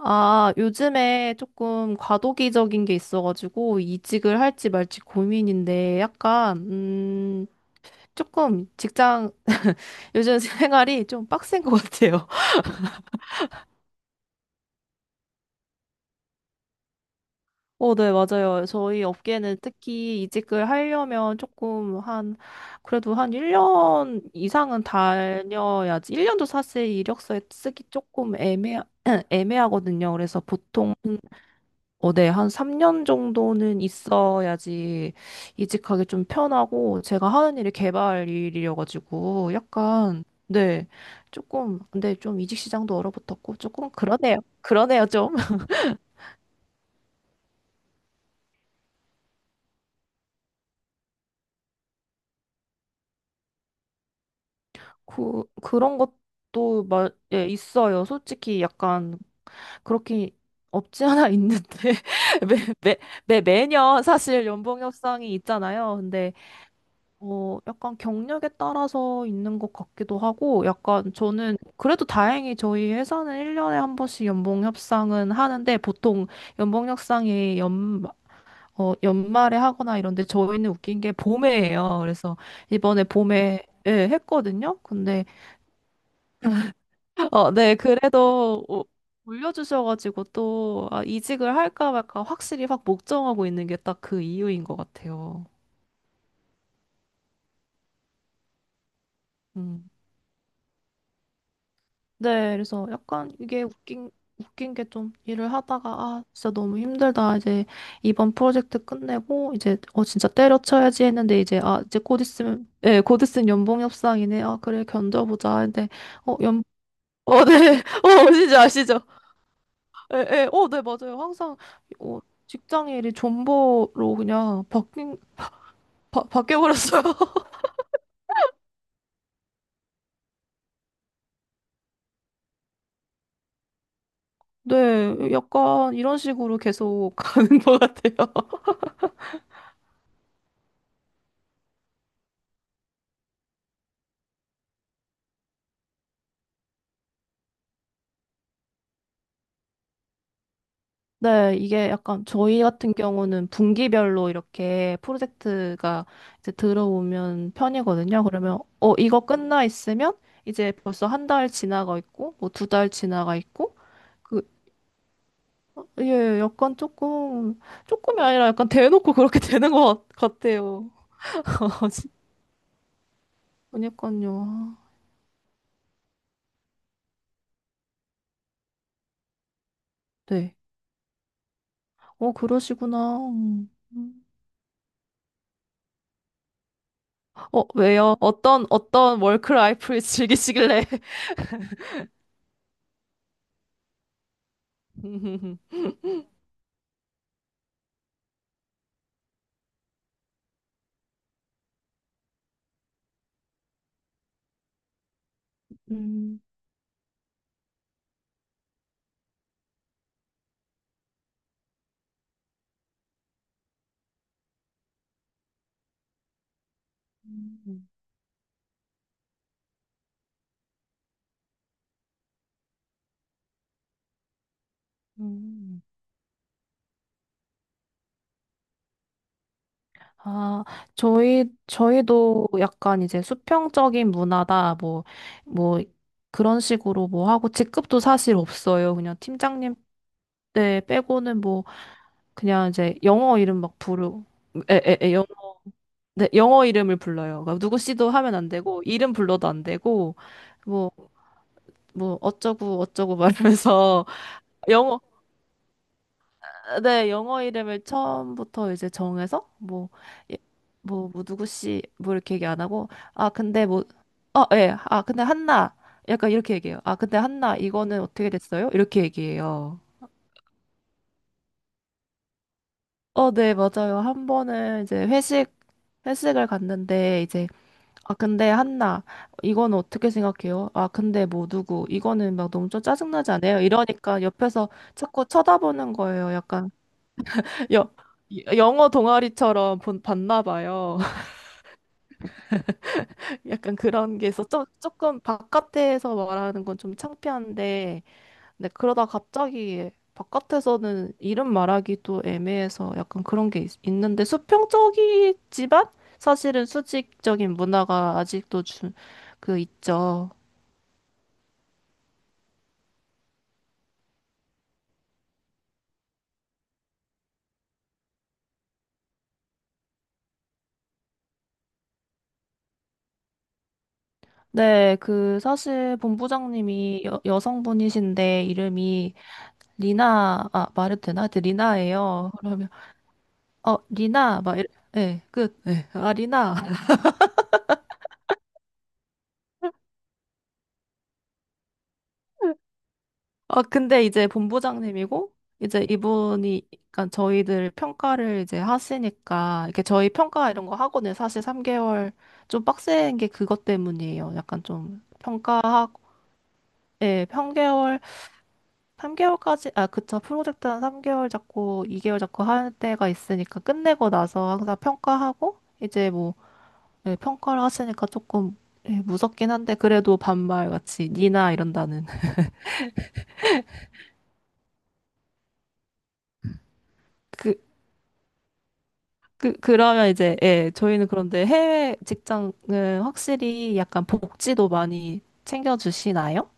아, 요즘에 조금 과도기적인 게 있어가지고 이직을 할지 말지 고민인데 약간, 조금 직장, 요즘 생활이 좀 빡센 것 같아요. 어, 네, 맞아요. 저희 업계는 특히 이직을 하려면 조금 한, 그래도 한 1년 이상은 다녀야지. 1년도 사실 이력서에 쓰기 조금 애매하거든요. 그래서 보통 어, 네, 한 3년 정도는 있어야지 이직하기 좀 편하고, 제가 하는 일이 개발 일이어가지고, 약간, 네, 조금, 근데 좀 이직 시장도 얼어붙었고, 조금 그러네요. 그러네요, 좀. 그런 것도, 예, 있어요. 솔직히 약간, 그렇게 없지 않아 있는데, 매, 매, 매년 사실 연봉 협상이 있잖아요. 근데, 약간 경력에 따라서 있는 것 같기도 하고, 약간 저는 그래도 다행히 저희 회사는 1년에 한 번씩 연봉 협상은 하는데, 보통 연봉 협상이 연말에 하거나 이런데, 저희는 웃긴 게 봄에 해요. 그래서 이번에 봄에, 예, 했거든요. 근데, 어, 네, 그래도 올려주셔가지고 또, 아, 이직을 할까 말까 확실히 확 목정하고 있는 게 딱 그 이유인 것 같아요. 음. 네, 그래서 약간 이게 웃긴 게 좀 일을 하다가, 아, 진짜 너무 힘들다. 이제 이번 프로젝트 끝내고, 이제, 진짜 때려쳐야지 했는데, 이제, 아, 이제 곧 있으면, 예, 곧 있으면 연봉 협상이네. 아, 그래, 견뎌보자. 근데, 어, 연, 네, 아시죠, 아시죠? 예, 예, 네, 맞아요. 항상, 어, 직장 일이 존버로 그냥 바뀌어버렸어요. 네, 약간 이런 식으로 계속 가는 것 같아요. 네, 이게 약간 저희 같은 경우는 분기별로 이렇게 프로젝트가 이제 들어오면 편이거든요. 그러면 이거 끝나 있으면 이제 벌써 한 달 지나가 있고 뭐 두 달 지나가 있고 그 예, 약간 조금 조금이 아니라 약간 대놓고 그렇게 되는 것 같아요. 그러니까요. 네. 그러시구나. 음. 왜요? 어떤 워크라이프를 즐기시길래? 음. 음. 음. 아, 저희도 약간 이제 수평적인 문화다, 뭐, 뭐, 그런 식으로 뭐 하고, 직급도 사실 없어요. 그냥 팀장님 때 빼고는 뭐, 그냥 이제 영어 이름 막 부르, 에, 에, 에, 영, 네, 영어 이름을 불러요. 그러니까 누구 씨도 하면 안 되고, 이름 불러도 안 되고, 뭐, 뭐, 어쩌고, 어쩌고 말하면서, 영어 네, 영어 이름을 처음부터 이제 정해서 뭐, 예, 뭐, 뭐 누구 씨, 뭐 이렇게 얘기 안 하고, 아, 근데 뭐, 어, 예, 아, 근데 한나, 약간 이렇게 얘기해요. 아, 근데 한나, 이거는 어떻게 됐어요? 이렇게 얘기해요. 네, 맞아요. 한 번은 이제 회식을 갔는데, 이제, 아, 근데 한나, 이건 어떻게 생각해요? 아, 근데 뭐 누구, 이거는 막 너무 좀 짜증나지 않아요? 이러니까 옆에서 자꾸 쳐다보는 거예요. 약간. 여, 영어 동아리처럼 봤나 봐요. 약간 그런 게 있어. 좀, 조금 바깥에서 말하는 건 좀 창피한데, 근데 그러다 갑자기 바깥에서는 이름 말하기도 애매해서 약간 그런 게 있는데 수평적이지만 사실은 수직적인 문화가 아직도 그 있죠. 네, 그 사실 본부장님이 여성분이신데 이름이 리나, 아, 말해도 되나? 하여튼 리나예요. 리나, 막, 이래. 예, 끝. 예, 아, 리나. 아, 근데 이제 본부장님이고, 이제 이분이, 그러니까 저희들 평가를 이제 하시니까, 이렇게 저희 평가 이런 거 하고는 사실 3개월 좀 빡센 게 그것 때문이에요. 약간 좀 평가하고, 예, 3개월까지, 아, 그쵸. 프로젝트 한 3개월 잡고, 2개월 잡고 할 때가 있으니까 끝내고 나서 항상 평가하고, 이제 뭐 네, 평가를 하시니까 조금 예, 무섭긴 한데 그래도 반말같이 니나 이런다는 그, 그러면 이제 예, 저희는 그런데 해외 직장은 확실히 약간 복지도 많이 챙겨주시나요?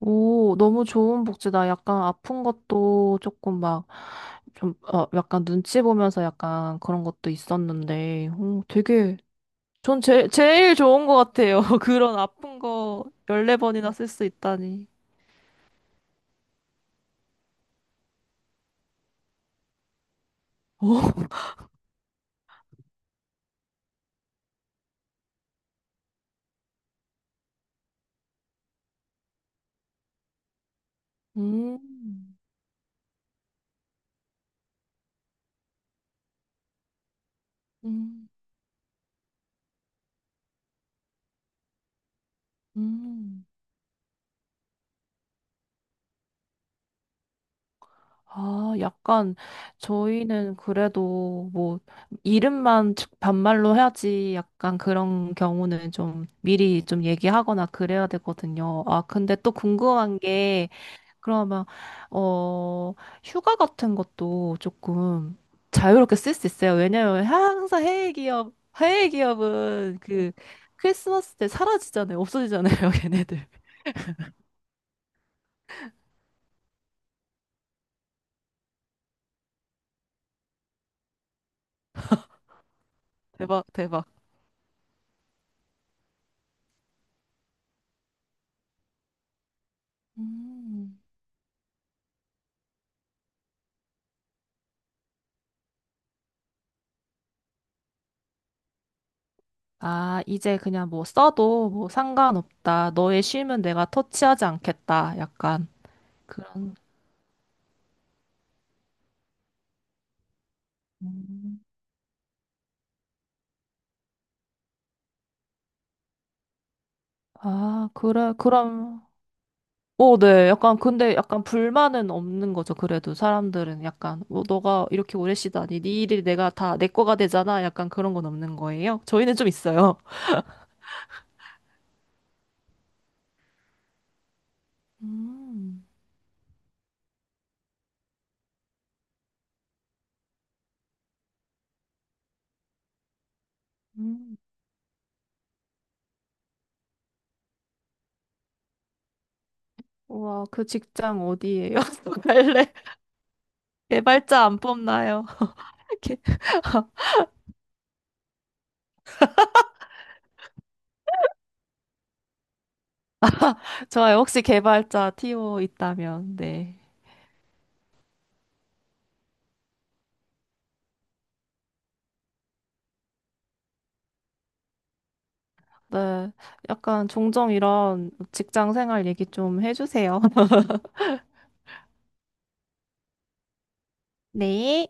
오, 너무 좋은 복지다. 약간 아픈 것도 조금 막, 좀, 약간 눈치 보면서 약간 그런 것도 있었는데, 오, 되게, 전 제일 좋은 것 같아요. 그런 아픈 거 14번이나 쓸 수 있다니. 오, 음. 음, 음. 아, 약간 저희는 그래도 뭐 이름만 즉 반말로 해야지 약간 그런 경우는 좀 미리 좀 얘기하거나 그래야 되거든요. 아, 근데 또 궁금한 게 그러면 어 휴가 같은 것도 조금 자유롭게 쓸 수 있어요. 왜냐면 항상 해외 기업은 그 크리스마스 때 사라지잖아요. 없어지잖아요, 걔네들. 대박, 대박. 음. 아, 이제 그냥 뭐 써도 뭐 상관없다. 너의 쉼은 내가 터치하지 않겠다. 약간 그런. 음. 아, 그래. 그럼. 어, 네. 약간 근데 약간 불만은 없는 거죠. 그래도 사람들은 약간 뭐 너가 이렇게 오래 쉬다니 네 일이 내가 다 내 거가 되잖아. 약간 그런 건 없는 거예요. 저희는 좀 있어요. 음. 음. 우와, 그 직장 어디예요? 또 갈래? 개발자 안 뽑나요? 개- 좋아요. 혹시 개발자 TO 있다면, 네. 네. 약간 종종 이런 직장 생활 얘기 좀 해주세요. 네.